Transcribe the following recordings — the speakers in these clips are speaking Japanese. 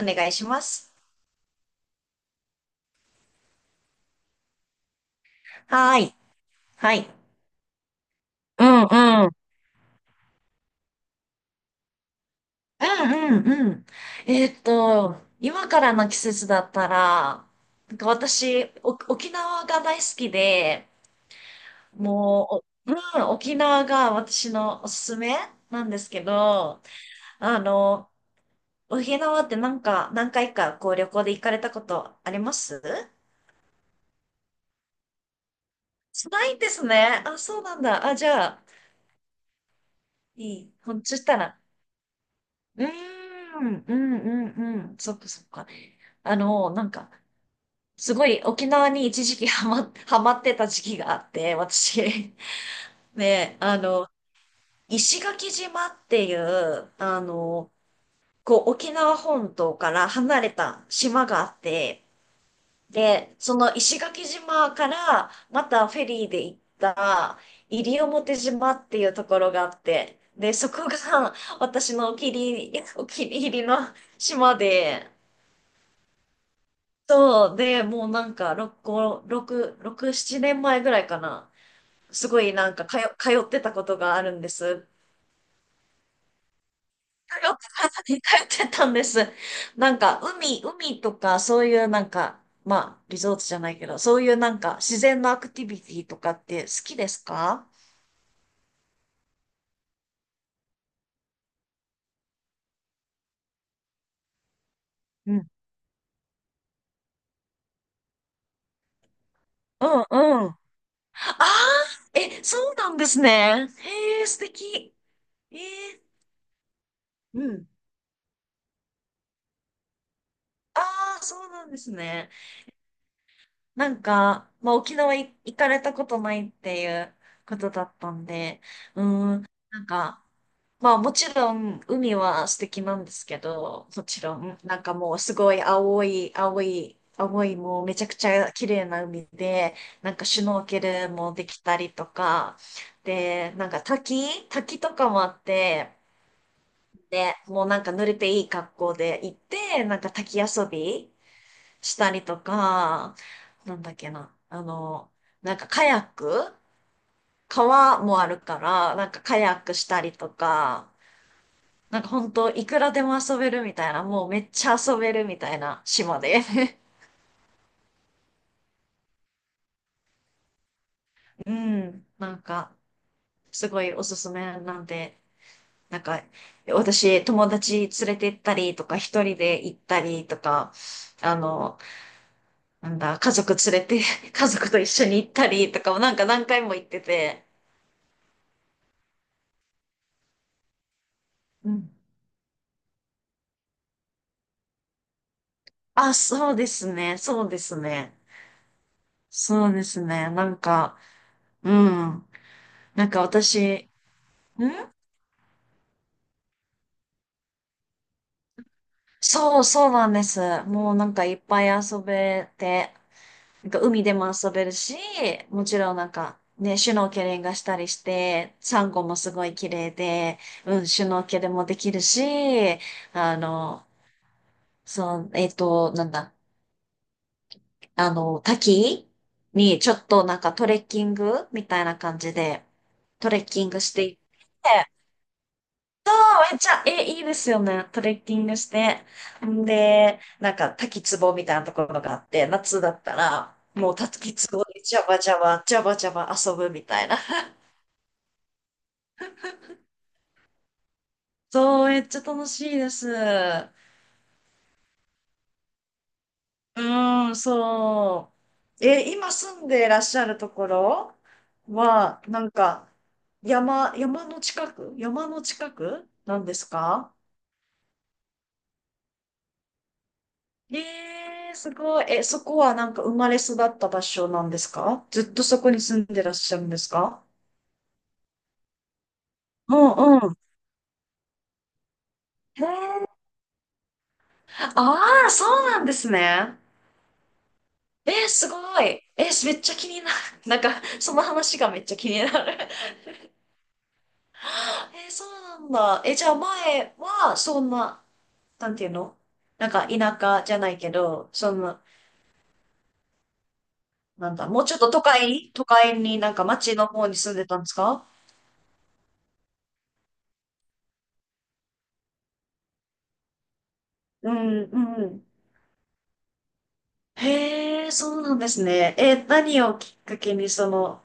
お願いします。はーい。はい。うんうん。うんうんうん。えーっと、今からの季節だったら、なんか私、お沖縄が大好きで、もう、おうん、沖縄が私のおすすめなんですけど、あの、沖縄ってなんか、何回かこう旅行で行かれたことありますないんですね。あ、そうなんだ。あ、じゃあ、いい。ほん、そしたら、うーん、うん、うん、うん。そっかそっか。あの、なんか、すごい沖縄に一時期 ハマってた時期があって、私。ね、あの、石垣島っていう、あの、こう、沖縄本島から離れた島があって、で、その石垣島からまたフェリーで行った西表島っていうところがあって、で、そこが 私のお気に入り、お気に入りの島で、そう、で、もうなんか、6、5、6、6、7年前ぐらいかな。すごいなんか、通ってたことがあるんです。通ってたんです。なんか、海とか、そういうなんか、まあ、リゾートじゃないけど、そういうなんか、自然のアクティビティとかって好きですか？うん。うんうん。ああ、え、そうなんですね。へえ、素敵。えー、うん。ああ、そうなんですね。なんか、まあ、沖縄い行かれたことないっていうことだったんで、うーん、なんか、まあもちろん海は素敵なんですけど、もちろん、なんかもうすごい青い、青い、青いもうめちゃくちゃ綺麗な海で、なんかシュノーケルもできたりとか、で、なんか滝とかもあって、で、もうなんか濡れていい格好で行って、なんか滝遊び、したりとか、なんだっけな、あの、なんかカヤック、川もあるから、なんかカヤックしたりとか、なんか本当いくらでも遊べるみたいな、もうめっちゃ遊べるみたいな島で。うん、なんか、すごいおすすめなんで、なんか、私、友達連れて行ったりとか、一人で行ったりとか、あの、なんだ、家族連れて、家族と一緒に行ったりとかもなんか何回も行ってて、うん、あ、そうですね。そうですね。そうですね。なんか、うん。なんか私、ん、そう、そうなんです。もうなんかいっぱい遊べて、なんか海でも遊べるし、もちろんなんかね、シュノーケリングしたりして、サンゴもすごい綺麗で、うん、シュノーケルもできるし、あの、そう、なんだ。あの、滝にちょっとなんかトレッキングみたいな感じで、トレッキングしていって、あ、めっちゃ、え、いいですよね。トレッキングして。んで、なんか滝壺みたいなところがあって、夏だったら、もう滝壺でジャバジャバ、ジャバジャバ遊ぶみたいな。そう、めっちゃ楽しいです。うーん、そう。え、今住んでいらっしゃるところは、なんか、山の山の近くなんですか？えー、すごい。え、そこはなんか生まれ育った場所なんですか？ずっとそこに住んでらっしゃるんですか？うんうん。へえ、ああ、そうなんですね。えー、すごい。えー、めっちゃ気になる。なんか、その話がめっちゃ気になる。えー、そうなんだ。え、じゃあ前は、そんな、なんていうの？なんか田舎じゃないけど、その、なんだ、もうちょっと都会になんか町の方に住んでたんですか？うん、うん。へえ、そうなんですね。え、何をきっかけにその、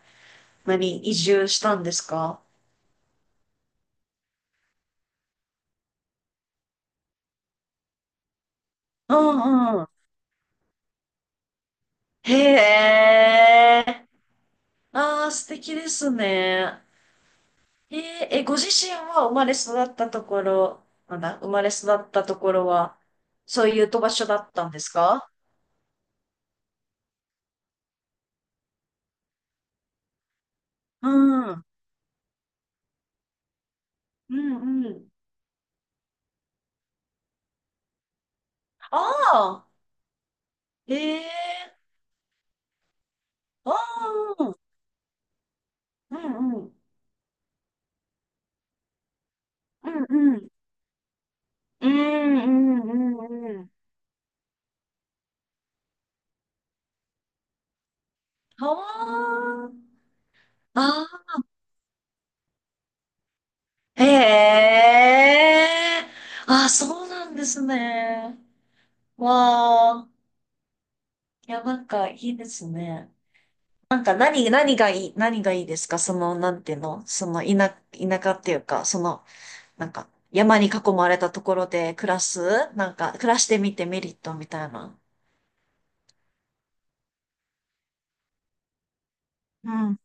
何、移住したんですか？うん、うん。へえ、ああ、素敵ですね。へええ、ご自身は生まれ育ったところ、なんだ、生まれ育ったところは、そういうと場所だったんですか？うん。うんうん。ああ、ええ、ああ、うんうん。うんうん。うんうんうんうん。はあ。ああ、へえ。ああ、そうなんですね。わあ。いや、なんかいいですね。なんか何がいいですか？その、なんていうの、その、田舎っていうか、その、なんか、山に囲まれたところで暮らす、なんか、暮らしてみてメリットみたいな。うん。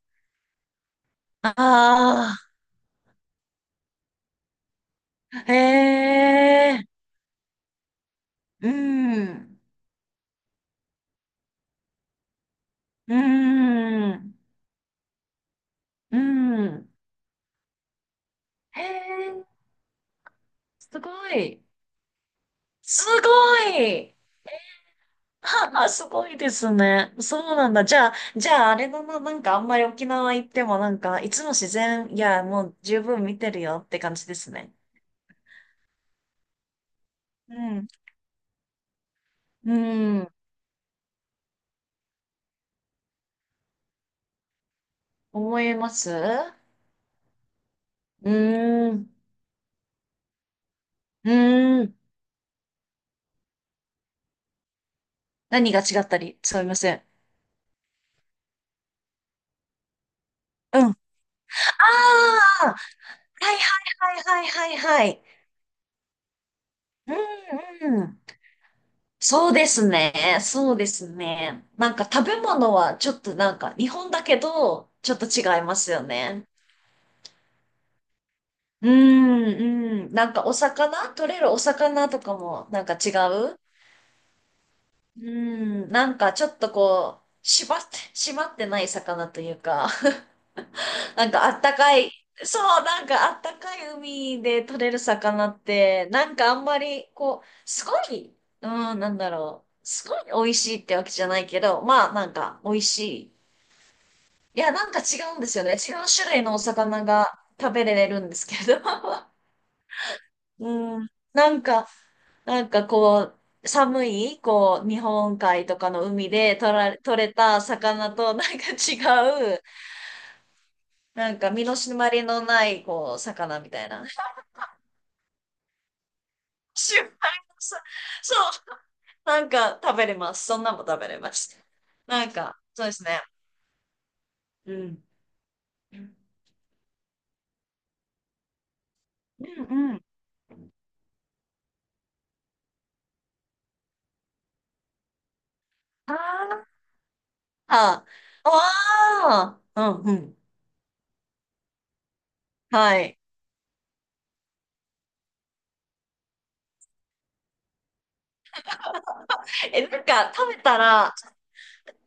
ああ、へえ、うん、うん、うん。へえ、すごい。すごい。はあ、すごいですね。そうなんだ。じゃあ、じゃあ、あれだな、なんかあんまり沖縄行ってもなんか、いつも自然、いや、もう十分見てるよって感じですね。うん。うん。思いますう、ーん。うーん。何が違ったり、すみません。うん。ああ、はいはいはいはいはいはい。うんうん。そうですね。そうですね。なんか食べ物はちょっとなんか日本だけど、ちょっと違いますよね。うーん、うん。なんかお魚、取れるお魚とかもなんか違う、うーん、なんかちょっとこう、縛って、締まってない魚というか、なんかあったかい、そう、なんかあったかい海で取れる魚って、なんかあんまりこう、すごい、うん、なんだろう、すごい美味しいってわけじゃないけど、まあなんか美味しい。いや、なんか違うんですよね。違う種類のお魚が食べれるんですけど。うん、なんか、なんかこう、寒い、こう、日本海とかの海で取れた魚となんか違う、なんか身の締まりのない、こう、魚みたいな。シュッ、さ、そう、なんか食べれます。そんなんも食べれます。なんか、そうですね。うん。うんうん。ああ、ああ、うんうん。はい。え、なんか食べたら、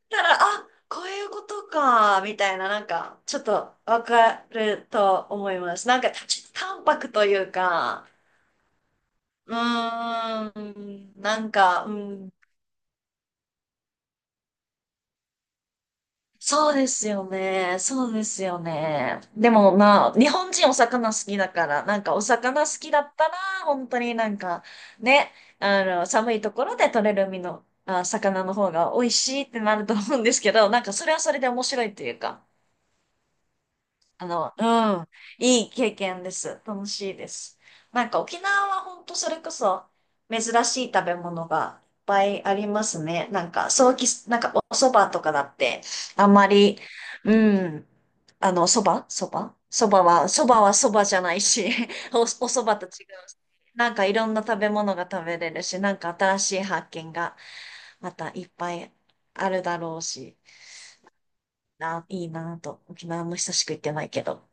たら、あ、こういうことか、みたいな、なんか、ちょっとわかると思います。なんか、ちょっと淡白というか、うーん、なんか、うん、そうですよね。そうですよね。でも、まあ、日本人お魚好きだから、なんかお魚好きだったら、本当になんか、ね、あの、寒いところで取れる海の、あ、魚の方が美味しいってなると思うんですけど、なんかそれはそれで面白いというか。あの、うん、いい経験です。楽しいです。なんか沖縄は本当それこそ珍しい食べ物がいっぱいありますね。なんか、早期なんかお蕎麦とかだって、あんまり、うん、あの、蕎麦は、蕎麦じゃないし、お、お蕎麦と違うし。なんかいろんな食べ物が食べれるし、なんか新しい発見がまたいっぱいあるだろうし、な、いいなぁと、沖縄も久しく行ってないけど。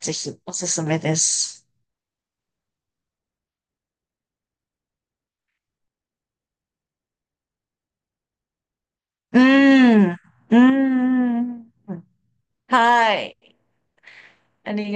ぜひおすすめです。うーん。うーん。はい。あり